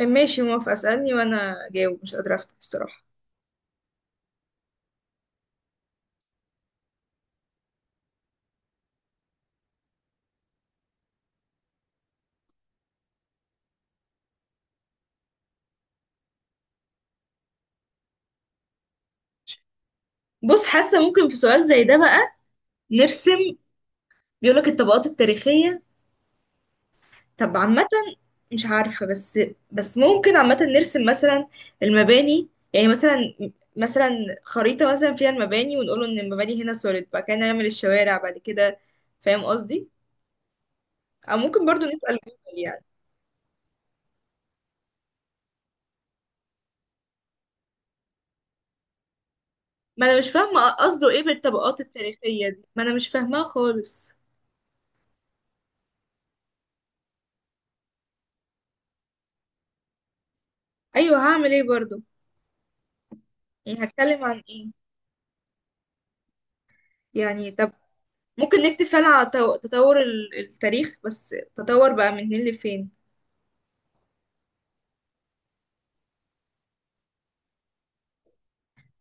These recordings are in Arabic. ماشي، موافقة. اسألني وانا جاوب، مش قادرة افتح الصراحة. بص، حاسة ممكن في سؤال زي ده بقى نرسم. بيقولك الطبقات التاريخية، طب عامة. مش عارفة. بس ممكن عامة نرسم مثلا المباني، يعني مثلا خريطة مثلا فيها المباني، ونقول ان المباني هنا سوليد، بعد كده نعمل الشوارع بعد كده، فاهم قصدي؟ او ممكن برضو نسأل جوجل يعني. ما انا مش فاهمة قصده ايه بالطبقات التاريخية دي، ما انا مش فاهماها خالص. ايوه، هعمل ايه برضو؟ يعني هتكلم عن ايه؟ يعني طب ممكن نكتب فعلا على تطور التاريخ، بس تطور بقى من هنا لفين؟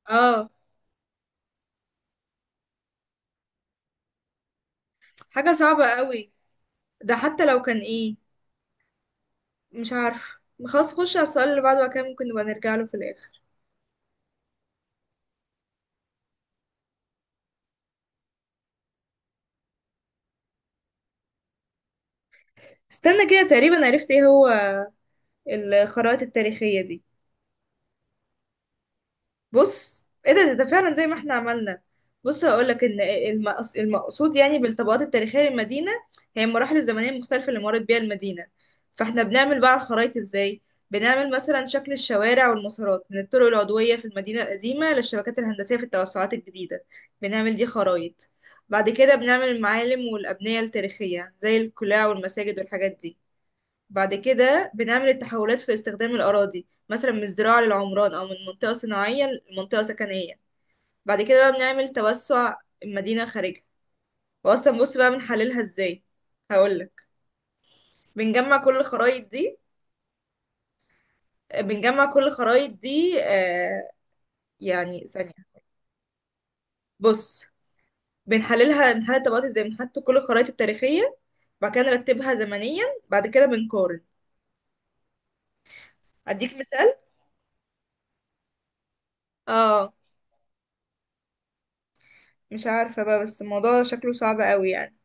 اه، حاجة صعبة قوي، ده حتى لو كان ايه. مش عارف. خلاص، خش على السؤال اللي بعده وكان ممكن نبقى نرجع له في الآخر. استنى كده، تقريبا عرفت ايه هو الخرائط التاريخية دي. بص، ايه ده، ده فعلا زي ما احنا عملنا. بص، هقولك ان المقصود يعني بالطبقات التاريخية للمدينة هي المراحل الزمنية المختلفة اللي مرت بيها المدينة. فاحنا بنعمل بقى الخرايط ازاي؟ بنعمل مثلا شكل الشوارع والمسارات من الطرق العضوية في المدينة القديمة للشبكات الهندسية في التوسعات الجديدة، بنعمل دي خرايط. بعد كده بنعمل المعالم والأبنية التاريخية زي القلاع والمساجد والحاجات دي. بعد كده بنعمل التحولات في استخدام الأراضي، مثلا من الزراعة للعمران أو من منطقة صناعية لمنطقة سكنية. بعد كده بقى بنعمل توسع المدينة خارجها. وأصلا بص بقى بنحللها ازاي، هقولك. بنجمع كل الخرايط دي، بنجمع كل الخرايط دي. يعني ثانية. بص، بنحللها، بنحلل الطبقات ازاي، بنحط كل الخرايط التاريخية، بعد كده نرتبها زمنيا، بعد كده بنقارن. أديك مثال. اه، مش عارفة بقى، بس الموضوع شكله صعب قوي يعني.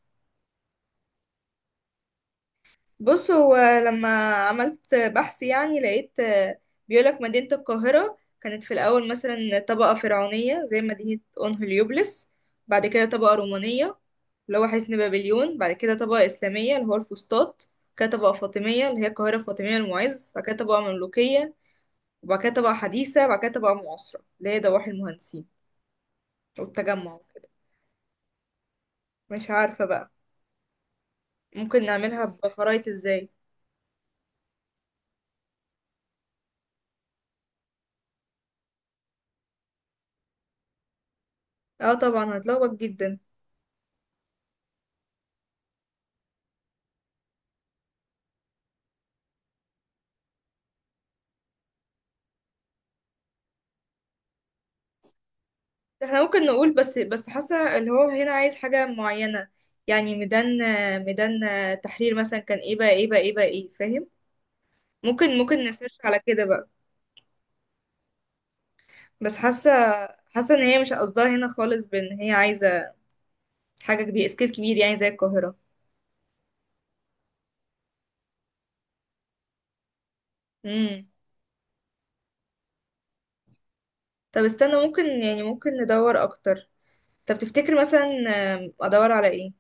بص هو، لما عملت بحث يعني لقيت بيقولك مدينة القاهرة كانت في الأول مثلا طبقة فرعونية زي مدينة أنهيليوبلس، بعد كده طبقة رومانية اللي هو حصن بابليون، بعد كده طبقة إسلامية اللي هو الفسطاط، بعد كده طبقة فاطمية اللي هي القاهرة الفاطمية المعز، بعد كده طبقة مملوكية، وبعد كده طبقة حديثة، بعد كده طبقة معاصرة اللي هي ضواحي المهندسين والتجمع وكده. مش عارفة بقى ممكن نعملها بخرايط ازاي. اه طبعا هتلخبط جدا. احنا ممكن نقول، بس حاسه اللي هو هنا عايز حاجه معينه، يعني ميدان تحرير مثلا كان ايه بقى ايه بقى ايه بقى ايه، فاهم؟ ممكن نسيرش على كده بقى. بس حاسه ان هي مش قصدها هنا خالص، بان هي عايزه حاجه كبيره، سكيل كبير يعني زي القاهره. امم. طب استنى، ممكن يعني ممكن ندور اكتر. طب تفتكر مثلا ادور على ايه؟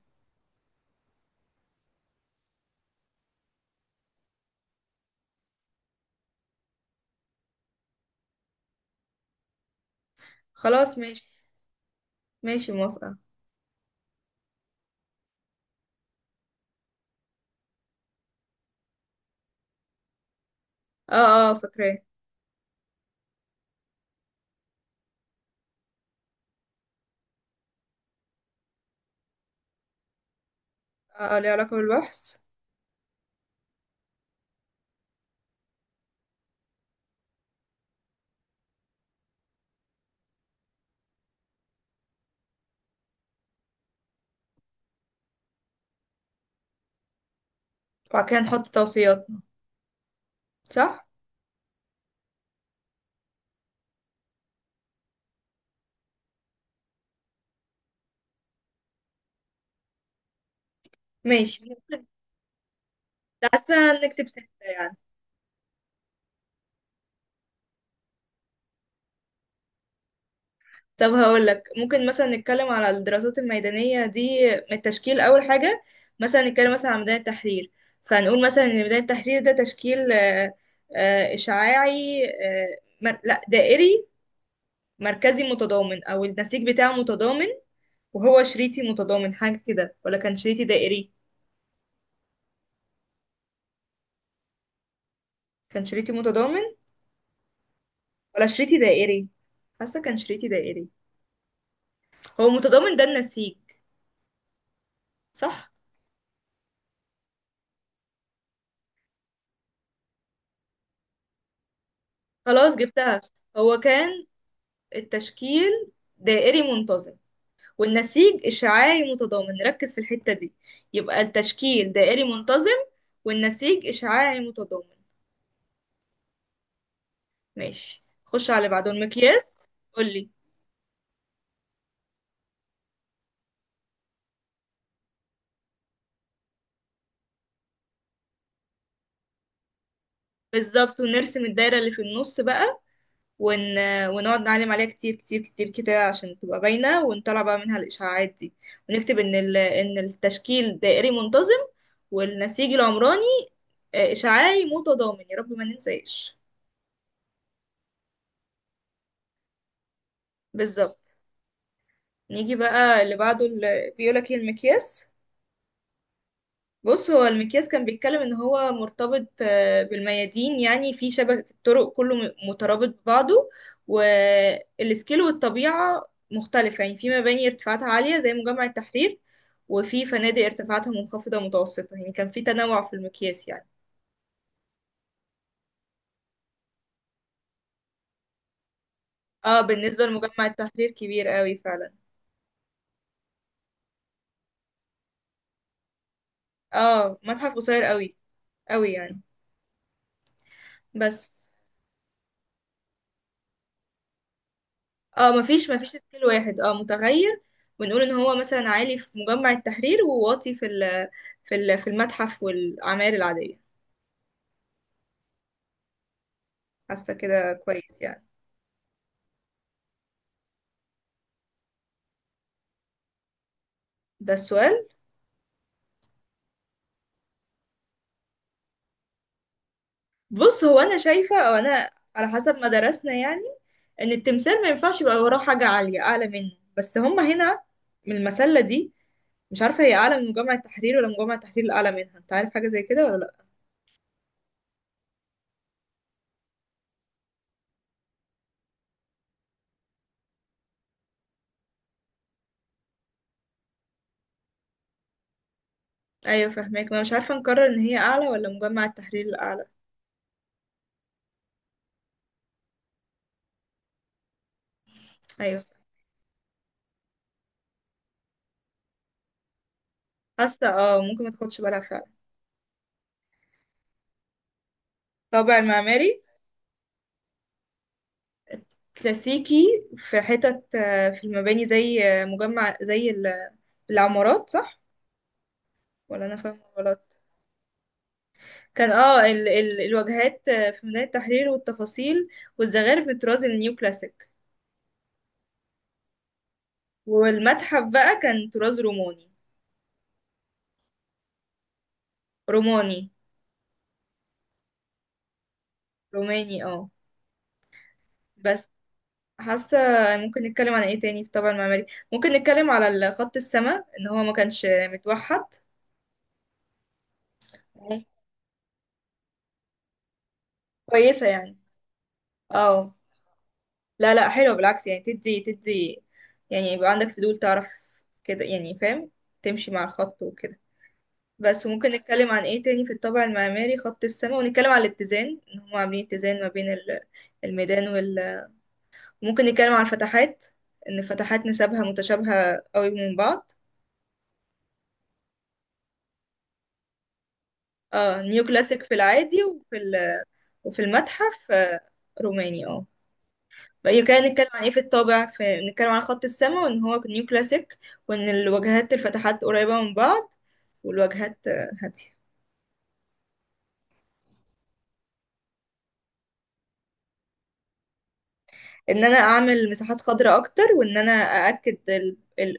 خلاص ماشي. ماشي موافقه. اه. اه فاكراه. اه، ليه علاقه بالبحث. وبعد كده نحط توصياتنا، صح. ماشي. حاسة هنكتب ستة يعني. طب هقول لك، ممكن مثلا نتكلم على الدراسات الميدانية دي من التشكيل أول حاجة. مثلا نتكلم مثلا عن ميدان التحرير، فهنقول مثلا إن ميدان التحرير ده تشكيل إشعاعي، لا دائري مركزي متضامن، أو النسيج بتاعه متضامن. وهو شريطي متضامن حاجة كده ولا كان شريطي دائري؟ كان شريطي متضامن ولا شريطي دائري؟ حاسة كان شريطي دائري. هو متضامن، ده النسيج، صح؟ خلاص جبتها. هو كان التشكيل دائري منتظم والنسيج إشعاعي متضامن، نركز في الحتة دي. يبقى التشكيل دائري منتظم والنسيج إشعاعي متضامن. ماشي، خش على بعضه، المقياس قولي. بالظبط، ونرسم الدايرة اللي في النص بقى ون... ونقعد نعلم عليها كتير كتير كتير كده عشان تبقى باينة، ونطلع بقى منها الإشعاعات دي، ونكتب إن إن التشكيل دائري منتظم والنسيج العمراني إشعاعي متضامن، يا رب ما ننساش. بالظبط. نيجي بقى اللي بعده، اللي بيقولك ايه، المقياس. بص، هو المقياس كان بيتكلم ان هو مرتبط بالميادين، يعني في شبكة الطرق كله مترابط ببعضه. والسكيل والطبيعة مختلفة، يعني في مباني ارتفاعاتها عالية زي مجمع التحرير، وفي فنادق ارتفاعاتها منخفضة متوسطة، يعني كان في تنوع في المقياس يعني. اه بالنسبة لمجمع التحرير كبير قوي فعلا. اه متحف قصير قوي قوي يعني. بس اه، مفيش سكيل واحد، اه متغير. ونقول ان هو مثلا عالي في مجمع التحرير وواطي في ال، في المتحف والعماير العادية. حاسة كده كويس يعني. ده السؤال. بص هو، انا شايفة، او انا على حسب ما درسنا يعني، ان التمثال ما ينفعش يبقى وراه حاجة عالية اعلى منه، بس هما هنا من المسلة دي. مش عارفة هي أعلى من مجمع التحرير ولا مجمع التحرير الأعلى منها، أنت عارف حاجة زي كده ولا لأ؟ أيوة فاهماك، ما أنا مش عارفة نقرر إن هي أعلى ولا مجمع التحرير الأعلى. أيوة. حاسة اه ممكن ما تاخدش بالها فعلا. طابع المعماري كلاسيكي في حتت، في المباني زي مجمع زي العمارات، صح ولا انا فاهمة غلط؟ كان اه ال ال الواجهات في ميدان التحرير، والتفاصيل والزخارف في الطراز النيو كلاسيك. والمتحف بقى كان طراز روماني. روماني، روماني اه. بس حاسة ممكن نتكلم عن ايه تاني في طابع المعماري. ممكن نتكلم على خط السماء ان هو ما كانش متوحد. مم. كويسة يعني. اه. لا لا، حلو بالعكس يعني، تدي يعني يبقى عندك فضول تعرف كده يعني، فاهم؟ تمشي مع الخط وكده. بس ممكن نتكلم عن ايه تاني في الطابع المعماري، خط السماء، ونتكلم عن الاتزان ان هم عاملين اتزان ما بين الميدان وال، ممكن نتكلم عن الفتحات ان الفتحات نسبها متشابهة قوي من بعض. اه، نيو كلاسيك في العادي وفي المتحف روماني اه. بقى كان نتكلم عن ايه في الطابع. في، نتكلم عن خط السما، وان هو نيو كلاسيك، وان الواجهات الفتحات قريبة من بعض، والواجهات هادية. ان انا اعمل مساحات خضراء اكتر، وان انا ااكد ال- ال-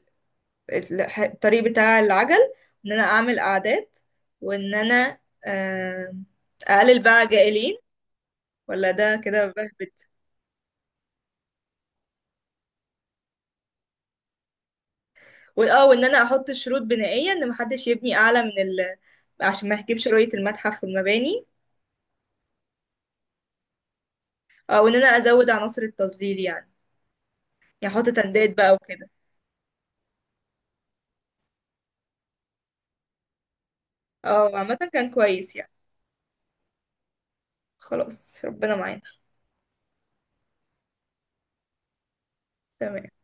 الح- الطريق بتاع العجل، وان انا اعمل قعدات، وان انا آه، اقلل بقى جائلين، ولا ده كده بهبت؟ وان انا احط شروط بنائيه ان محدش يبني اعلى من ال، عشان ما يحجبش رؤيه المتحف والمباني. اه، وان انا ازود عناصر التظليل يعني، يحط تندات بقى وكده. اه عامة كان كويس يعني. خلاص، ربنا معانا. تمام.